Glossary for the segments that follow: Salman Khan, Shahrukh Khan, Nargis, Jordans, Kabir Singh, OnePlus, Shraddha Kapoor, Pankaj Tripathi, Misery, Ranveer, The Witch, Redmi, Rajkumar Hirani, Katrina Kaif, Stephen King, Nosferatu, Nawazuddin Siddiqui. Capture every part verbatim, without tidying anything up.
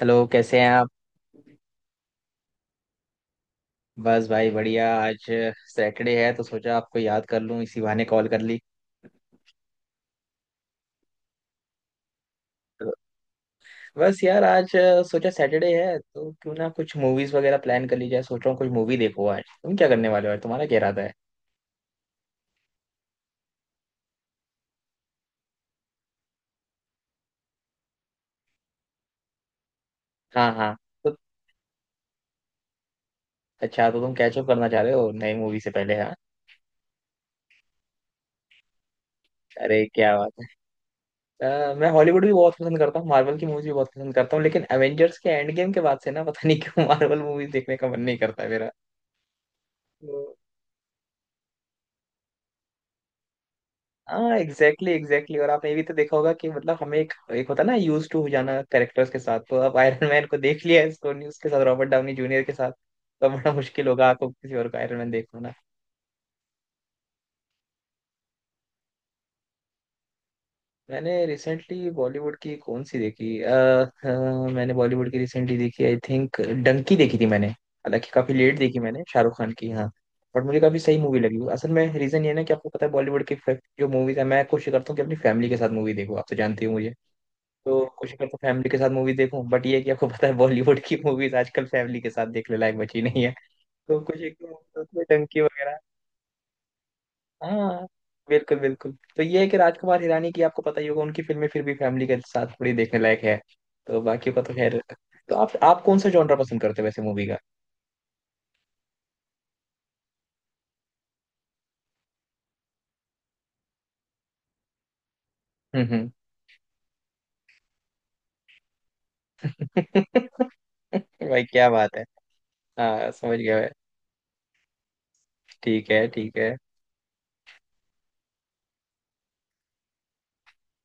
Hello, कैसे हैं आप? बस भाई बढ़िया। आज सैटरडे है तो सोचा आपको याद कर लूं, इसी बहाने कॉल कर ली। तो बस यार, आज अ, सोचा सैटरडे है तो क्यों ना कुछ मूवीज वगैरह प्लान कर ली जाए। सोच रहा हूँ कुछ मूवी देखो आज। तुम क्या करने वाले हो आज? तुम्हारा क्या इरादा है? हाँ हाँ। तो अच्छा, तो तुम कैचअप करना चाह रहे हो नई मूवी से पहले, हाँ। अरे क्या बात है। अ, मैं हॉलीवुड भी बहुत पसंद करता हूँ, मार्वल की मूवीज भी बहुत पसंद करता हूँ, लेकिन एवेंजर्स के एंड गेम के बाद से ना पता नहीं क्यों मार्वल मूवीज देखने का मन नहीं करता मेरा। तो हाँ, एग्जैक्टली एग्जैक्टली। और आपने ये भी तो देखा होगा कि मतलब हमें एक एक होता है ना यूज टू हो जाना कैरेक्टर्स के साथ। तो अब आयरन मैन को देख लिया है सोनी, उसके साथ रॉबर्ट डाउनी जूनियर के साथ। तो बड़ा मुश्किल होगा आपको किसी और का आयरन मैन देख पाना। मैंने रिसेंटली बॉलीवुड की कौन सी देखी, अ, अ, मैंने बॉलीवुड की रिसेंटली देखी आई थिंक डंकी देखी थी मैंने, हालांकि काफी लेट देखी मैंने, शाहरुख खान की, हाँ। बट मुझे काफी सही मूवी लगी, असल में रीजन ये है ना कि आपको पता है बॉलीवुड की जो मूवीज है, मैं कोशिश करता हूँ कि अपनी फैमिली के साथ मूवी देखूँ, आप तो जानते हो मुझे। तो कोशिश करता हूँ फैमिली के साथ मूवी देखूं, बट ये है कि आपको पता है बॉलीवुड की मूवीज आजकल फैमिली के साथ देखने लायक बची नहीं है। तो कुछ एक तो उसमें डंकी वगैरह। हाँ, बिल्कुल बिल्कुल। तो ये है कि राजकुमार हिरानी की आपको पता ही होगा, उनकी फिल्में फिर भी फैमिली के साथ थोड़ी देखने लायक है। तो बाकियों का तो खैर। तो आप आप कौन सा जॉनरा पसंद करते हो वैसे मूवी का? हम्म हम्म। भाई क्या बात है। हाँ, समझ गया मैं। ठीक है ठीक है।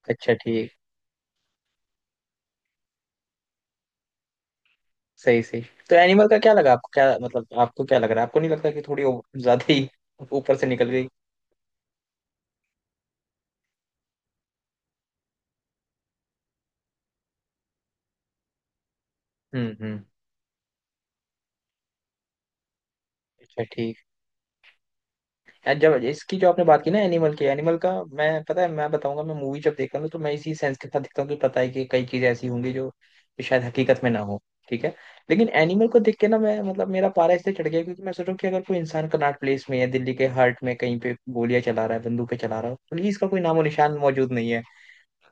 अच्छा, ठीक। सही सही। तो एनिमल का क्या लगा आपको? क्या मतलब, आपको क्या लग रहा है? आपको नहीं लगता कि थोड़ी ओ- ज्यादा ही ऊपर से निकल गई? हम्म हम्म। अच्छा, ठीक। यार, जब इसकी जो आपने बात की ना एनिमल की एनिमल का मैं, पता है, मैं बताऊंगा। मैं मूवी जब देखता हूँ ना, तो मैं इसी सेंस के साथ देखता हूँ कि पता है कि कई चीजें ऐसी होंगी जो शायद हकीकत में ना हो, ठीक है। लेकिन एनिमल को देख के ना मैं, मतलब मेरा पारा इससे चढ़ गया, क्योंकि मैं सोच रहा हूँ कि अगर कोई इंसान कनॉट प्लेस में या दिल्ली के हार्ट में कहीं पे गोलियां चला रहा है, बंदूकें चला रहा है, पुलिस का कोई नामो निशान मौजूद नहीं है।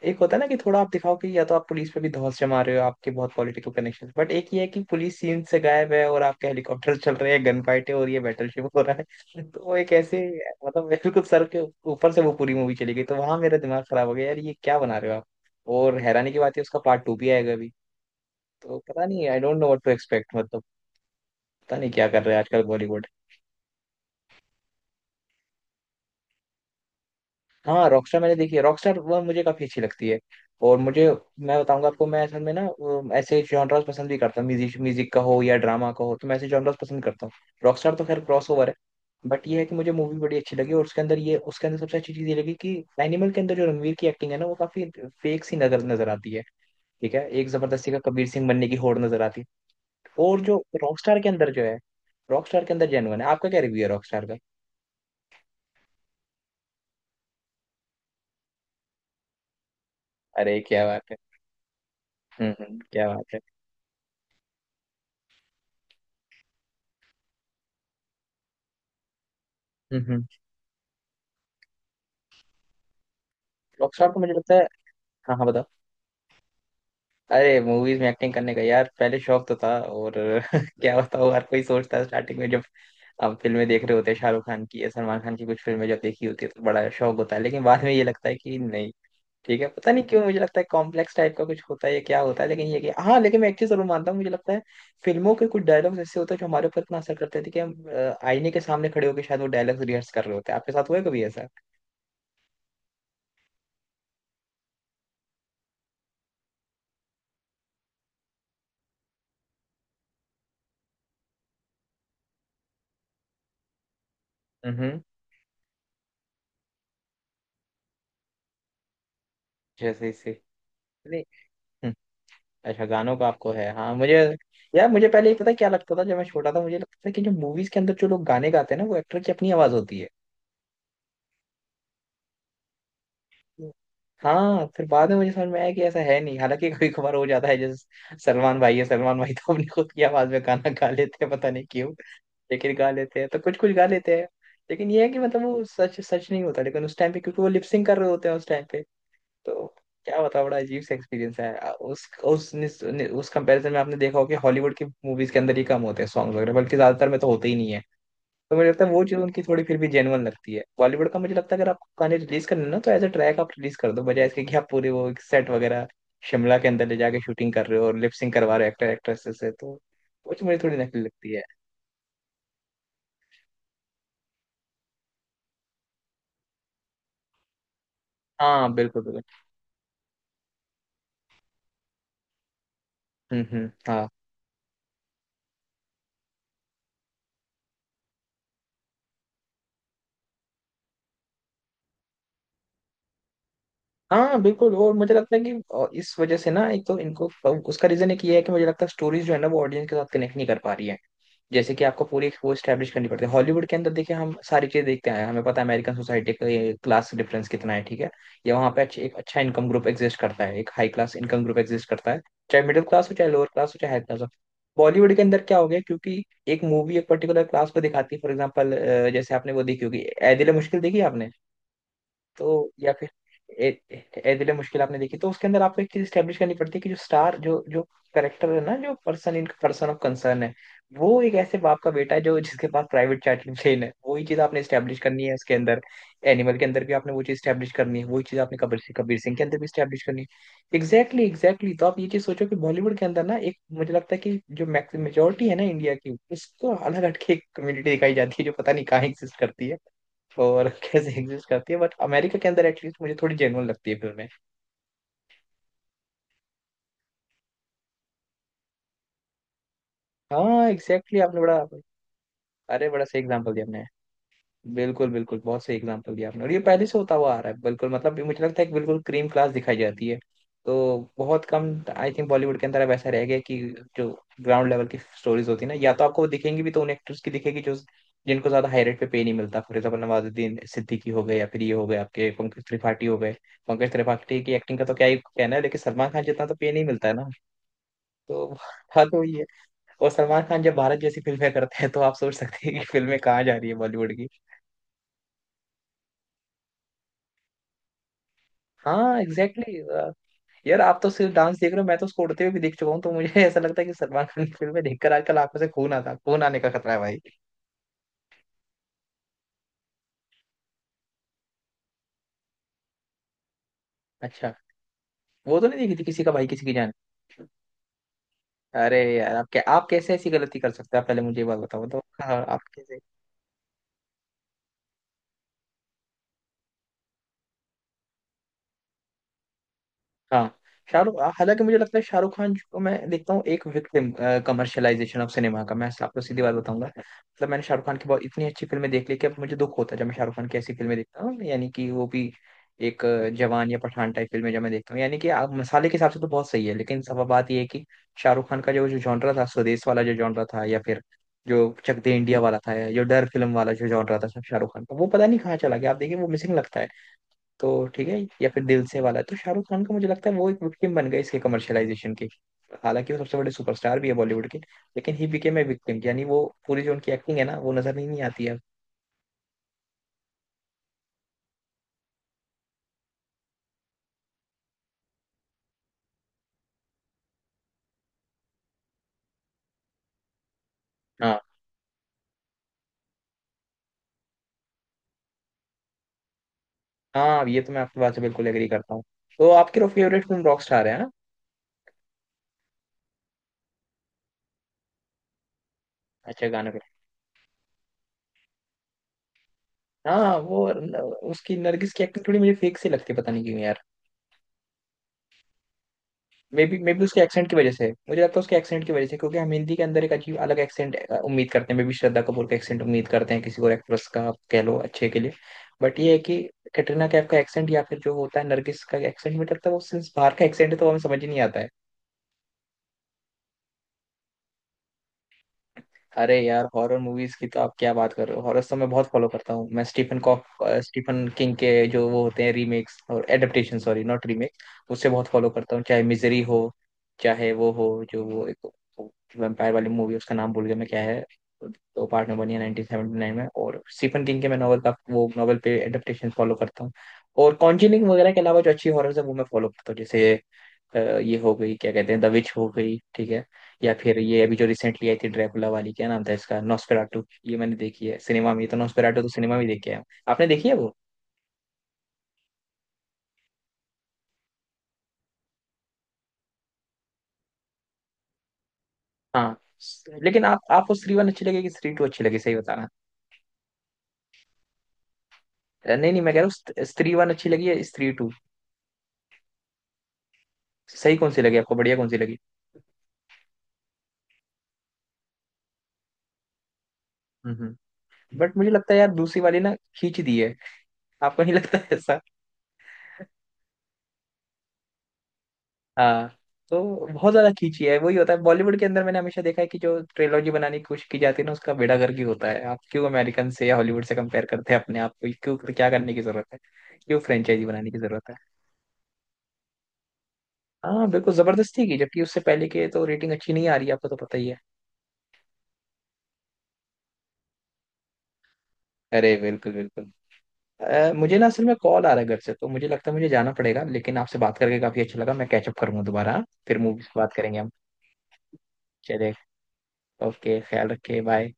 एक होता है ना कि थोड़ा आप दिखाओ कि या तो आप पुलिस पे भी धौंस जमा रहे हो, आपके बहुत पॉलिटिकल कनेक्शन, बट एक ये है कि पुलिस सीन से गायब है और आपके हेलीकॉप्टर चल रहे हैं, गन फाइट है और ये बैटलशिप हो रहा है। तो वो एक ऐसे, मतलब बिल्कुल सर के ऊपर से वो पूरी मूवी चली गई। तो वहां मेरा दिमाग खराब हो गया, यार ये क्या बना रहे हो आप। और हैरानी की बात है उसका पार्ट टू भी आएगा अभी। तो पता नहीं, I don't know what to expect, मतलब पता नहीं क्या कर रहे हैं आजकल बॉलीवुड। हाँ, रॉकस्टार मैंने देखी है। रॉकस्टार वो मुझे काफी अच्छी लगती है। और मुझे, मैं बताऊंगा आपको, मैं असल में ना वो ऐसे जॉनर्स पसंद भी करता हूँ, म्यूजिक म्यूजिक का हो या ड्रामा का हो, तो मैं ऐसे जॉनर्स पसंद करता हूँ। रॉकस्टार तो खैर क्रॉसओवर है। बट ये है कि मुझे मूवी बड़ी अच्छी लगी, और उसके अंदर ये, उसके अंदर सबसे अच्छी चीज ये लगी कि एनिमल के अंदर जो रणवीर की एक्टिंग है ना वो काफी फेक सी नजर नजर आती है। ठीक है, एक जबरदस्ती का कबीर सिंह बनने की होड़ नजर आती है। और जो रॉकस्टार के अंदर जो है रॉकस्टार के अंदर जेनुअन है। आपका क्या रिव्यू है रॉकस्टार का? अरे क्या बात है। हम्म हम्म, क्या बात है। हम्म हम्म। रॉकस्टार तो मुझे लगता है, हाँ हाँ बताओ। अरे, मूवीज में एक्टिंग करने का यार पहले शौक तो था, और क्या बताओ, हर कोई सोचता है स्टार्टिंग में जब अब फिल्में देख रहे होते हैं शाहरुख खान की या सलमान खान की, कुछ फिल्में जब देखी होती है तो बड़ा शौक होता है, लेकिन बाद में ये लगता है कि नहीं, ठीक है, पता नहीं क्यों, मुझे लगता है कॉम्प्लेक्स टाइप का कुछ होता है या क्या होता है। लेकिन ये कि हाँ, लेकिन मैं एक चीज जरूर मानता हूँ, मुझे लगता है फिल्मों के कुछ डायलॉग्स ऐसे होते हैं जो हमारे ऊपर इतना असर करते थे कि हम अ, आईने के सामने खड़े होकर शायद वो डायलॉग्स रिहर्स कर रहे होते हैं। आपके साथ हुआ है कभी ऐसा? हम्म। जैसे इसे, अच्छा, गानों का आपको है? हाँ मुझे। यार मुझे पहले ये पता है क्या लगता था, जब मैं छोटा था मुझे लगता था कि जो मूवीज के अंदर जो लोग गाने गाते हैं ना वो एक्टर की अपनी आवाज होती है। हाँ, फिर बाद में मुझे समझ में आया कि ऐसा है नहीं। हालांकि कभी कभार हो जाता है, जैसे सलमान भाई है, सलमान भाई तो अपनी खुद की आवाज में गाना गा लेते हैं, पता नहीं क्यों, लेकिन गा लेते हैं, तो कुछ कुछ गा लेते हैं। लेकिन ये है कि मतलब वो सच सच नहीं होता, लेकिन उस टाइम पे क्योंकि वो लिपसिंग कर रहे होते हैं उस टाइम पे। तो क्या बताओ, बड़ा अजीब सा एक्सपीरियंस है आ, उस उस निस- नि- उस कंपैरिजन में आपने देखा होगा कि हॉलीवुड की मूवीज के अंदर ही कम होते हैं सॉन्ग्स वगैरह, बल्कि ज्यादातर में तो होते ही नहीं है। तो मुझे लगता है वो चीज़ उनकी थोड़ी फिर भी जेन्युइन लगती है। बॉलीवुड का मुझे लगता है अगर आपको गाने रिलीज करने हैं ना तो एज अ ट्रैक आप रिलीज कर दो, बजाय इसके कि आप पूरे वो सेट वगैरह शिमला के अंदर ले जाके शूटिंग कर रहे हो और लिपसिंग करवा रहे हो एक्टर एक्ट्रेस से, तो वो चीज़ मुझे थोड़ी नकली लगती है। हाँ बिल्कुल बिल्कुल। हम्म हम्म हाँ। हाँ बिल्कुल, और मुझे लगता है कि अ, इस वजह से ना एक तो इनको उसका रीजन एक ये है कि मुझे लगता है स्टोरीज जो है ना वो ऑडियंस के साथ कनेक्ट नहीं कर पा रही है। जैसे कि आपको पूरी एक वो स्टैब्लिश करनी पड़ती है, हॉलीवुड के अंदर देखिए हम सारी चीजें देखते आए हैं, हमें पता है अमेरिकन सोसाइटी का ये क्लास डिफरेंस कितना है, ठीक है। या वहाँ पे अच्छे, एक अच्छा इनकम ग्रुप एग्जिस्ट करता है, एक high class income group exist करता है, चाहे मिडिल क्लास हो, चाहे लोअर क्लास हो, चाहे हाई क्लास हो। बॉलीवुड के अंदर क्या हो गया, क्योंकि एक मूवी एक पर्टिकुलर क्लास को दिखाती है। फॉर एग्जाम्पल, जैसे आपने वो देखी होगी ए दिल ए मुश्किल, देखी है आपने? तो या फिर ए, ए दिल मुश्किल आपने देखी, तो उसके अंदर आपको एक चीज स्टेब्लिश करनी पड़ती है कि जो स्टार जो जो करेक्टर है ना, जो person in person of concern है, वो एक ऐसे बाप का बेटा है जो जिसके पास प्राइवेट चैटिंग प्लेन है। वही चीज आपने स्टेब्लिश करनी है उसके अंदर, एनिमल के अंदर भी आपने वो चीज स्टेब्लिश करनी है, वही चीज आपने कबीर सिंह कबीर सिंह के अंदर भी स्टेब्लिश करनी है, एग्जैक्टली एग्जैक्टली। तो आप ये चीज सोचो कि बॉलीवुड के अंदर ना, एक मुझे लगता है कि जो मेजोरिटी है ना इंडिया की, उसको अलग हटके एक कम्युनिटी दिखाई जाती है जो पता नहीं कहाँ एग्जिस्ट करती है और कैसे एग्जिस्ट करती है, बट अमेरिका के अंदर एटलीस्ट मुझे थोड़ी जेन्युइन लगती है फिल्में। हाँ एग्जैक्टली exactly, आपने बड़ा, अरे बड़ा सही एग्जाम्पल दिया आपने। बिल्कुल बिल्कुल, बहुत सही एग्जांपल दिया आपने, और ये पहले से होता हुआ आ रहा है, बिल्कुल मतलब ये मुझे लगता है कि बिल्कुल क्रीम क्लास दिखाई जाती है। तो बहुत कम, आई थिंक बॉलीवुड के अंदर अब ऐसा रह गया कि जो ग्राउंड लेवल की स्टोरीज होती है ना, या तो आपको वो दिखेंगी भी तो उन एक्टर्स की दिखेगी जो जिनको ज्यादा हाई रेट पे पे नहीं मिलता, फॉर एग्जाम्पल नवाजुद्दीन सिद्दीकी हो गए या फिर ये हो गए आपके पंकज त्रिपाठी हो गए। पंकज त्रिपाठी की एक्टिंग का तो क्या ही कहना है, लेकिन सलमान खान जितना तो पे नहीं मिलता है ना। तो बात वही है, और सलमान खान जब भारत जैसी फिल्में करते हैं तो आप सोच सकते हैं कि फिल्में कहाँ जा रही है बॉलीवुड की। हाँ एग्जैक्टली exactly. यार आप तो सिर्फ डांस देख रहे हो। मैं तो उसको उड़ते हुए भी देख चुका हूँ, तो मुझे ऐसा लगता है कि सलमान खान की फिल्में देखकर आजकल आंखों से खून आता खून आने का खतरा है भाई। अच्छा, वो तो नहीं देखी थी, किसी का भाई किसी की जान। अरे यार, आप क्या आप कैसे ऐसी गलती कर सकते हैं? आप पहले मुझे ये बात बताओ तो। हाँ, आप कैसे। हाँ शाहरुख, हाँ, हालांकि मुझे लगता है शाहरुख खान को मैं देखता हूँ एक विक्टिम कमर्शियलाइजेशन ऑफ सिनेमा का। मैं आपको सीधी बात बताऊंगा, मतलब मैंने शाहरुख खान की बहुत इतनी अच्छी फिल्में देख ली कि अब मुझे दुख होता है जब मैं शाहरुख खान की ऐसी फिल्में देखता हूँ, यानी कि वो भी एक अ, जवान या पठान टाइप फिल्में जब मैं देखता हूँ, यानी कि आप मसाले के हिसाब से तो बहुत सही है, लेकिन सब बात ये है कि शाहरुख खान का जो जो जॉनरा था, स्वदेश वाला जो जॉनरा था, या फिर जो चक दे इंडिया वाला था, या जो डर फिल्म वाला जो जॉनरा था शाहरुख खान का, वो पता नहीं कहाँ चला गया। आप देखिए, वो मिसिंग लगता है। तो ठीक है, या फिर दिल से वाला। तो शाहरुख खान का मुझे लगता है वो एक विक्टिम बन गए इसके कमर्शियलाइजेशन के। हालांकि वो सबसे बड़े सुपरस्टार भी है बॉलीवुड के, लेकिन ही बिकेम ए विक्टिम, यानी वो पूरी जो उनकी एक्टिंग है ना, वो नजर नहीं, नहीं आती है। हाँ। हाँ, ये तो मैं आपकी बात से बिल्कुल एग्री करता हूँ। तो आपकी फेवरेट फिल्म रॉक स्टार है हाँ? अच्छा, गाने पे। हाँ, वो न- उसकी नरगिस की एक्टिंग थोड़ी मुझे फेक सी लगती है, पता नहीं क्यों यार। मे बी मे बी उसके एक्सेंट की वजह से, मुझे लगता है उसके एक्सेंट की वजह से, क्योंकि हम हिंदी के अंदर एक अजीब अलग एक्सेंट उम्मीद करते हैं, मे बी श्रद्धा कपूर का एक्सेंट उम्मीद करते हैं, किसी और एक्ट्रेस का आप कह लो अच्छे के लिए। बट ये है कि कैटरीना कैफ का एक्सेंट या फिर जो होता है नरगिस का एक्सेंट, मुझे लगता है वो सिंस बाहर का एक्सेंट है, तो हमें समझ ही नहीं आता है। अरे यार, हॉरर मूवीज की तो आप क्या बात कर रहे हो। हॉरर तो मैं बहुत फॉलो करता हूँ। मैं स्टीफन कॉफ स्टीफन किंग के जो वो होते हैं रीमेक्स और एडेप्टेशन, सॉरी नॉट रीमेक, उससे बहुत फॉलो करता हूँ। चाहे मिजरी हो, चाहे वो हो जो वो एक वैम्पायर वाली मूवी, उसका नाम भूल गया मैं, क्या है, दो पार्ट में बनी है नाइनटीन सेवेंटी नाइन में। और स्टीफन किंग के मैं नॉवल का, वो नॉवल पे एडेप्टेशन फॉलो करता हूँ। और कॉन्जरिंग वगैरह के अलावा जो अच्छी हॉरर है वो मैं फॉलो करता हूँ, जैसे अ, ये हो गई क्या कहते हैं द विच हो गई, ठीक है, या फिर ये अभी जो रिसेंटली आई थी ड्रैकुला वाली, क्या नाम था इसका, नॉस्फेराटू, ये मैंने देखी है सिनेमा में, तो नॉस्फेराटू तो सिनेमा में देखी है। आपने देखी है वो? हाँ। लेकिन आप आपको स्त्री वन अच्छी लगी कि स्त्री टू अच्छी लगी, सही बताना। अ, नहीं नहीं, मैं कह रहा हूँ स्त- स्त्री वन अच्छी लगी या स्त्री टू, सही कौन सी लगी आपको, बढ़िया कौन सी लगी। हम्म। बट मुझे लगता है यार दूसरी वाली ना, खींच दी है। आपको नहीं लगता है? हाँ, तो बहुत ज्यादा खींची है। वही होता है बॉलीवुड के अंदर, मैंने हमेशा देखा है कि जो ट्रिलॉजी बनाने की कोशिश की जाती है ना उसका बेड़ा गर्क ही होता है। आप क्यों अमेरिकन से या हॉलीवुड से कंपेयर करते हैं अपने आप को? क्यों, क्या करने की जरूरत है? क्यों फ्रेंचाइजी बनाने की जरूरत है? हाँ बिल्कुल, जबरदस्ती की, जबकि उससे पहले के तो रेटिंग अच्छी नहीं आ रही, आपको तो पता ही है। अरे बिल्कुल बिल्कुल। अ, मुझे ना असल में कॉल आ रहा है घर से, तो मुझे लगता है मुझे जाना पड़ेगा, लेकिन आपसे बात करके काफी अच्छा लगा। मैं कैचअप करूंगा दोबारा हाँ? फिर मूवीज बात करेंगे हम। चलिए, ओके, ख्याल रखिए, बाय।